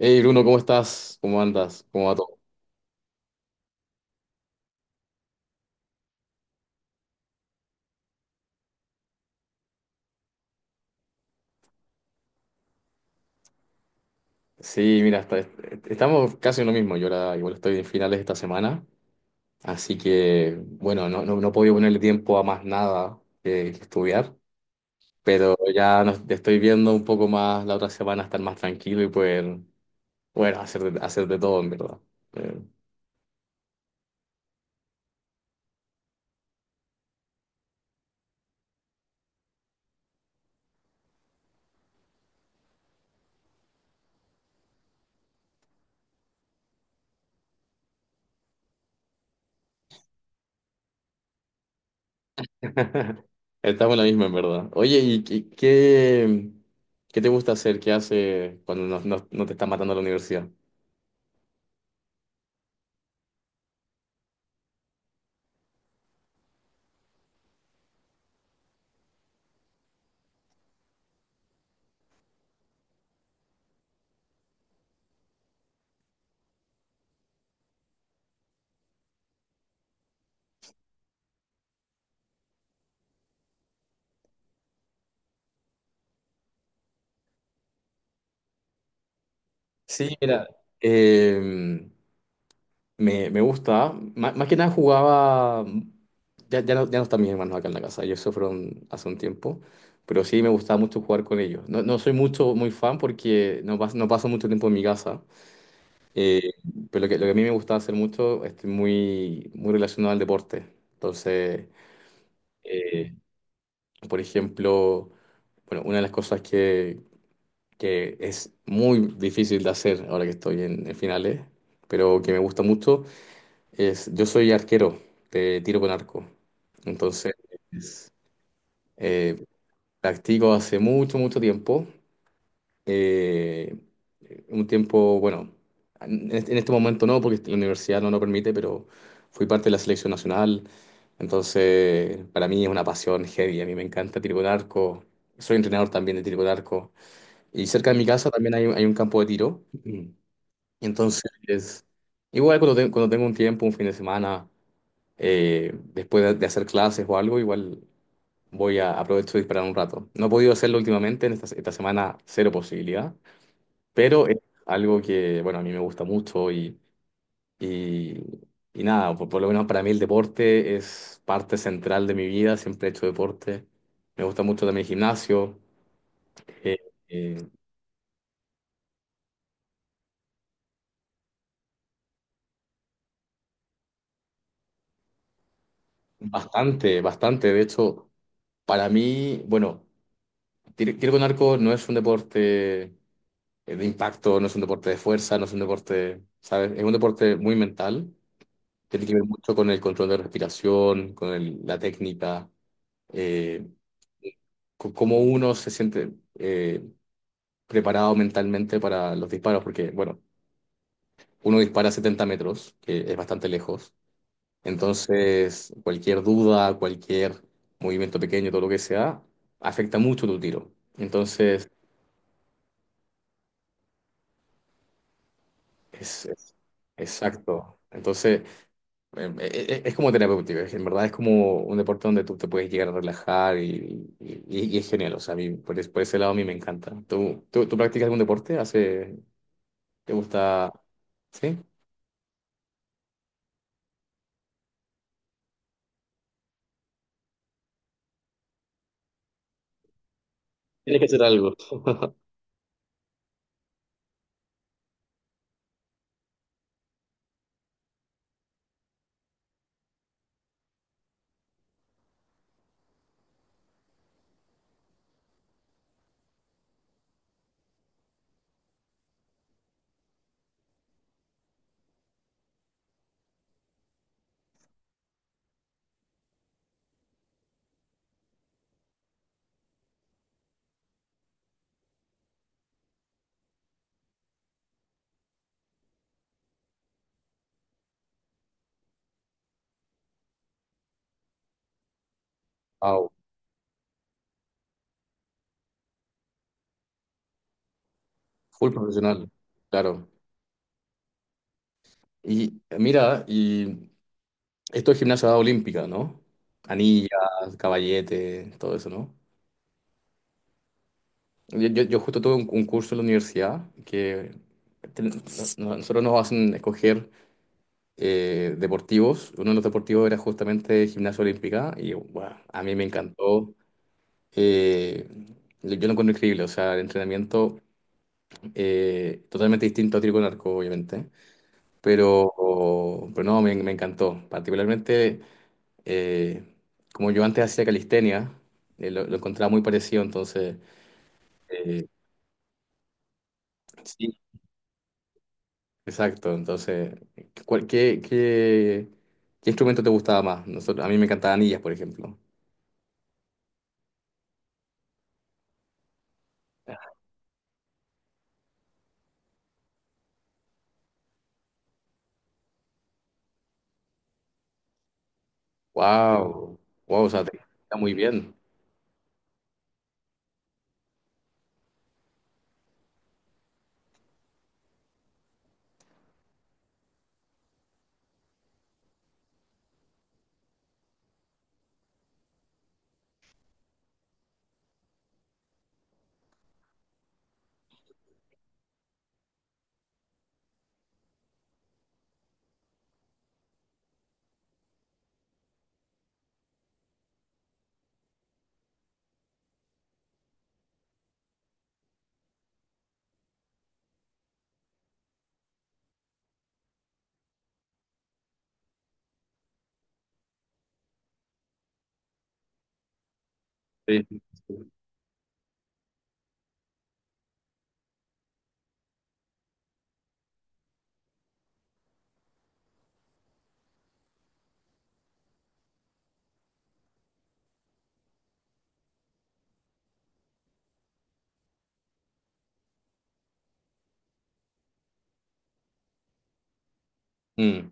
Hey Bruno, ¿cómo estás? ¿Cómo andas? ¿Cómo va todo? Sí, mira, estamos casi en lo mismo. Yo ahora igual estoy en finales esta semana, así que bueno, no, no, no he podido ponerle tiempo a más nada que estudiar, pero estoy viendo un poco más la otra semana estar más tranquilo y poder, bueno, hacer de todo en verdad. Eh, Estamos en la misma en verdad. Oye, ¿y qué te gusta hacer? ¿Qué hace cuando no te está matando la universidad? Sí, mira, em, me gusta. Más que nada jugaba. Ya no, ya no están mis hermanos acá en la casa. Ellos se fueron hace un tiempo. Pero sí me gustaba mucho jugar con ellos. No, no soy mucho, muy fan porque no, no paso mucho tiempo en mi casa. Eh, pero lo que a mí me gustaba hacer mucho es muy, muy relacionado al deporte. Entonces, eh, por ejemplo, bueno, una de las cosas que es muy difícil de hacer ahora que estoy en finales, pero que me gusta mucho. Es, yo soy arquero de tiro con arco. Entonces, es- eh, practico hace mucho, mucho tiempo. Eh, un tiempo, bueno, en este momento no, porque la universidad no lo permite, pero fui parte de la selección nacional. Entonces, para mí es una pasión heavy. A mí me encanta tiro con arco. Soy entrenador también de tiro con arco. Y cerca de mi casa también hay un campo de tiro. Entonces, igual cuando, cuando tengo un tiempo, un fin de semana después de hacer clases o algo, igual voy a aprovecho de disparar un rato. No he podido hacerlo últimamente, en esta semana cero posibilidad, pero es algo que, bueno, a mí me gusta mucho y, y nada, por lo menos para mí el deporte es parte central de mi vida, siempre he hecho deporte. Me gusta mucho también el gimnasio, eh, eh, bastante, bastante. De hecho, para mí, bueno, tiro con arco no es un deporte de impacto, no es un deporte de fuerza, no es un deporte, ¿sabes? Es un deporte muy mental, tiene que ver mucho con el control de respiración, con la técnica, eh, con cómo uno se siente eh, preparado mentalmente para los disparos, porque, bueno, uno dispara a 70 metros, que es bastante lejos, entonces cualquier duda, cualquier movimiento pequeño, todo lo que sea, afecta mucho tu tiro. Entonces, es, es- exacto. Entonces, Es como terapéutico, en verdad es como un deporte donde tú te puedes llegar a relajar y es genial, o sea, a mí por, por ese lado a mí me encanta. ¿Tú practicas algún deporte? ¿Hace, te gusta? ¿Sí? Tienes que hacer algo. Wow, full profesional, claro. Y mira, y esto es gimnasia olímpica, ¿no? Anillas, caballete, todo eso, ¿no? Yo justo tuve un curso en la universidad que ten- no- nosotros nos hacen escoger deportivos. Uno de los deportivos era justamente gimnasia olímpica y bueno, a mí me encantó. Eh, yo lo encuentro increíble, o sea, el entrenamiento totalmente distinto a tiro con arco, obviamente, pero, pero no, me encantó. Particularmente, eh, como yo antes hacía calistenia, lo encontraba muy parecido, entonces, eh, sí, exacto. Entonces, ¿cuál- qué, qué- ¿qué instrumento te gustaba más? A mí me encantaban anillas, por ejemplo. Wow, wow, o sea, te está muy bien. Sí, sí, sí. Mm.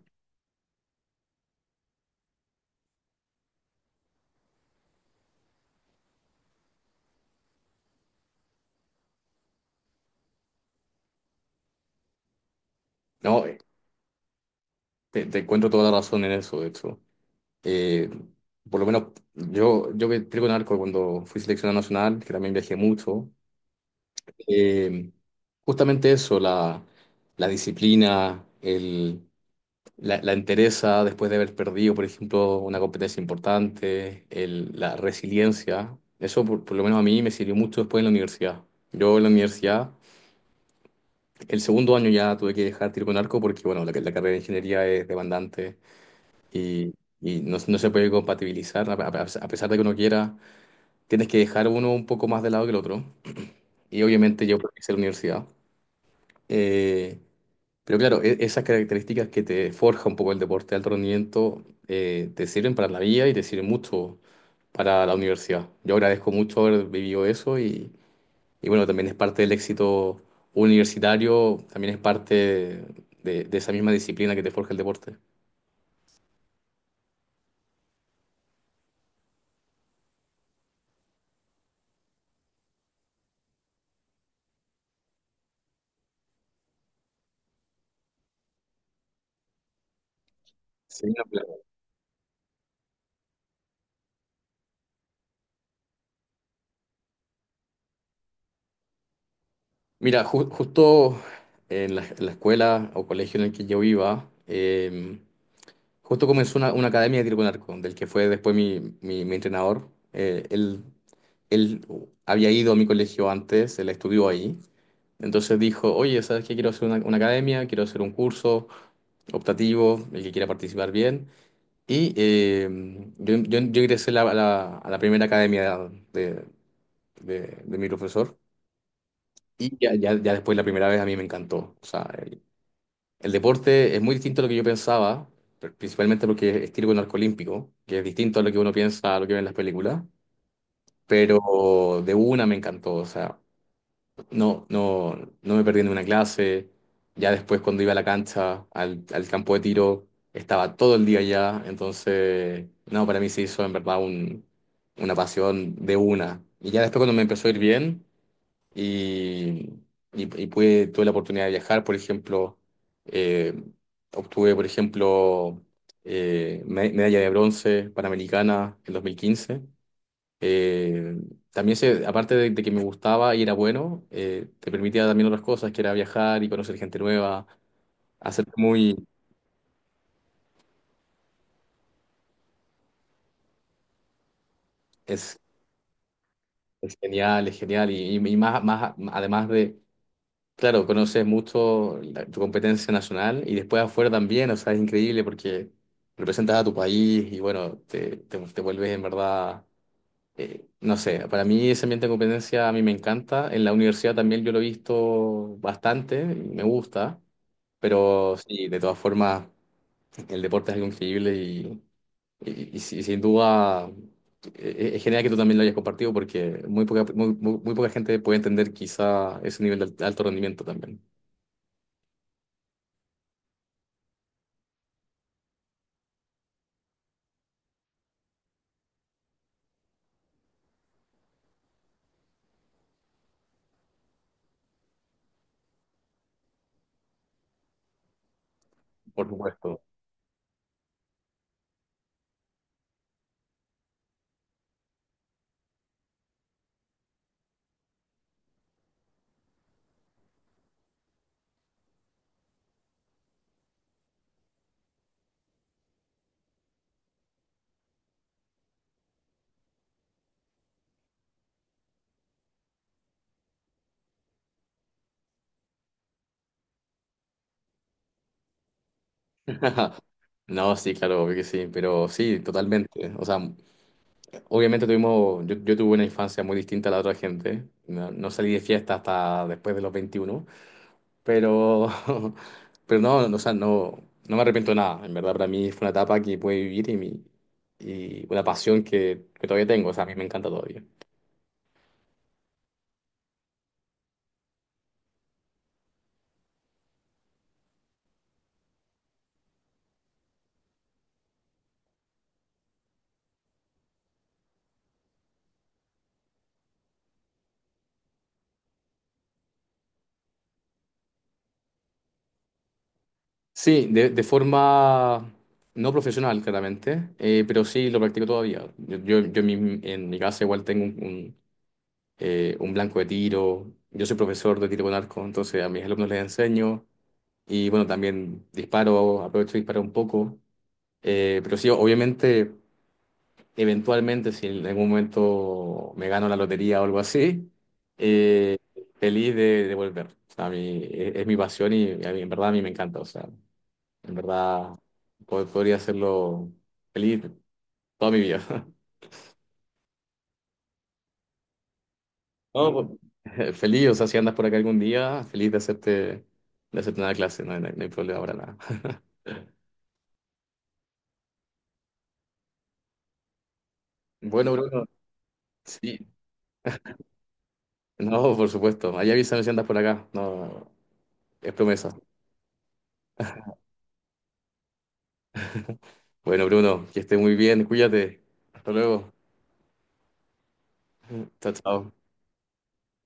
No, te encuentro toda la razón en eso, de hecho. Eh, por lo menos yo, yo que trigo en arco cuando fui seleccionado nacional, que también viajé mucho, eh, justamente eso, la disciplina, la entereza después de haber perdido, por ejemplo, una competencia importante, la resiliencia, eso por lo menos a mí me sirvió mucho después en la universidad. Yo en la universidad... El segundo año ya tuve que dejar tiro con arco porque, bueno, la carrera de ingeniería es demandante y, y no, no se puede compatibilizar, a pesar de que uno quiera, tienes que dejar uno un poco más de lado que el otro. Y obviamente yo hice la universidad. Eh, pero claro, esas características que te forja un poco el deporte de alto rendimiento te sirven para la vida y te sirven mucho para la universidad. Yo agradezco mucho haber vivido eso y bueno, también es parte del éxito universitario, también es parte de esa misma disciplina que te forja el deporte. Sí, no, claro. Mira, justo en en la escuela o colegio en el que yo iba, justo comenzó una academia de tiro con arco, del que fue después mi entrenador. Él, él había ido a mi colegio antes, él estudió ahí. Entonces dijo, oye, ¿sabes qué? Quiero hacer una academia, quiero hacer un curso optativo, el que quiera participar bien. Y yo ingresé a la primera academia de, de mi profesor y ya después la primera vez a mí me encantó. O sea, el deporte es muy distinto a lo que yo pensaba, principalmente porque es tiro con arco olímpico, que es distinto a lo que uno piensa, a lo que ve en las películas, pero de una me encantó. O sea, No, no, no me perdí en una clase. Ya después cuando iba a la cancha, al campo de tiro, estaba todo el día allá. Entonces, no, para mí se hizo en verdad una pasión de una. Y ya después cuando me empezó a ir bien y, y pude, tuve la oportunidad de viajar, por ejemplo, eh, obtuve, por ejemplo, medalla de bronce panamericana en 2015. Eh, También se, aparte de que me gustaba y era bueno, te permitía también otras cosas, que era viajar y conocer gente nueva, hacer muy, es, es genial, y más, más, además de, claro, conoces mucho tu competencia nacional y después afuera también, o sea, es increíble porque representas a tu país y bueno, te vuelves en verdad no sé, para mí ese ambiente de competencia a mí me encanta. En la universidad también yo lo he visto bastante, y me gusta, pero sí, de todas formas, el deporte es algo increíble y sin duda es genial que tú también lo hayas compartido porque muy poca, muy poca gente puede entender quizá ese nivel de alto rendimiento también, por supuesto. No, sí, claro, obvio que sí, pero sí, totalmente. O sea, Obviamente tuvimos, yo tuve una infancia muy distinta a la otra gente. No, no salí de fiesta hasta después de los 21 pero, pero no, no, o sea, no, no me arrepiento de nada. En verdad, para mí fue una etapa que pude vivir y una pasión que todavía tengo. O sea, a mí me encanta todavía. Sí, de forma no profesional, claramente, pero sí lo practico todavía. Yo en mi casa igual tengo un blanco de tiro. Yo soy profesor de tiro con arco, entonces a mis alumnos les enseño. Y bueno, también disparo, aprovecho y disparo un poco. Pero sí, obviamente, eventualmente, si en algún momento me gano la lotería o algo así, eh, feliz de volver. O sea, a mí, es mi pasión y a mí, en verdad a mí me encanta. O sea, en verdad podría hacerlo feliz toda mi vida. No, pues, feliz, o sea, si andas por acá algún día, feliz de hacerte una clase, no hay problema para nada. Bueno, Bruno, sí. No, por supuesto. Ahí avísame si andas por acá. No, es promesa. Bueno, Bruno, que esté muy bien. Cuídate. Hasta luego. Chao, chao.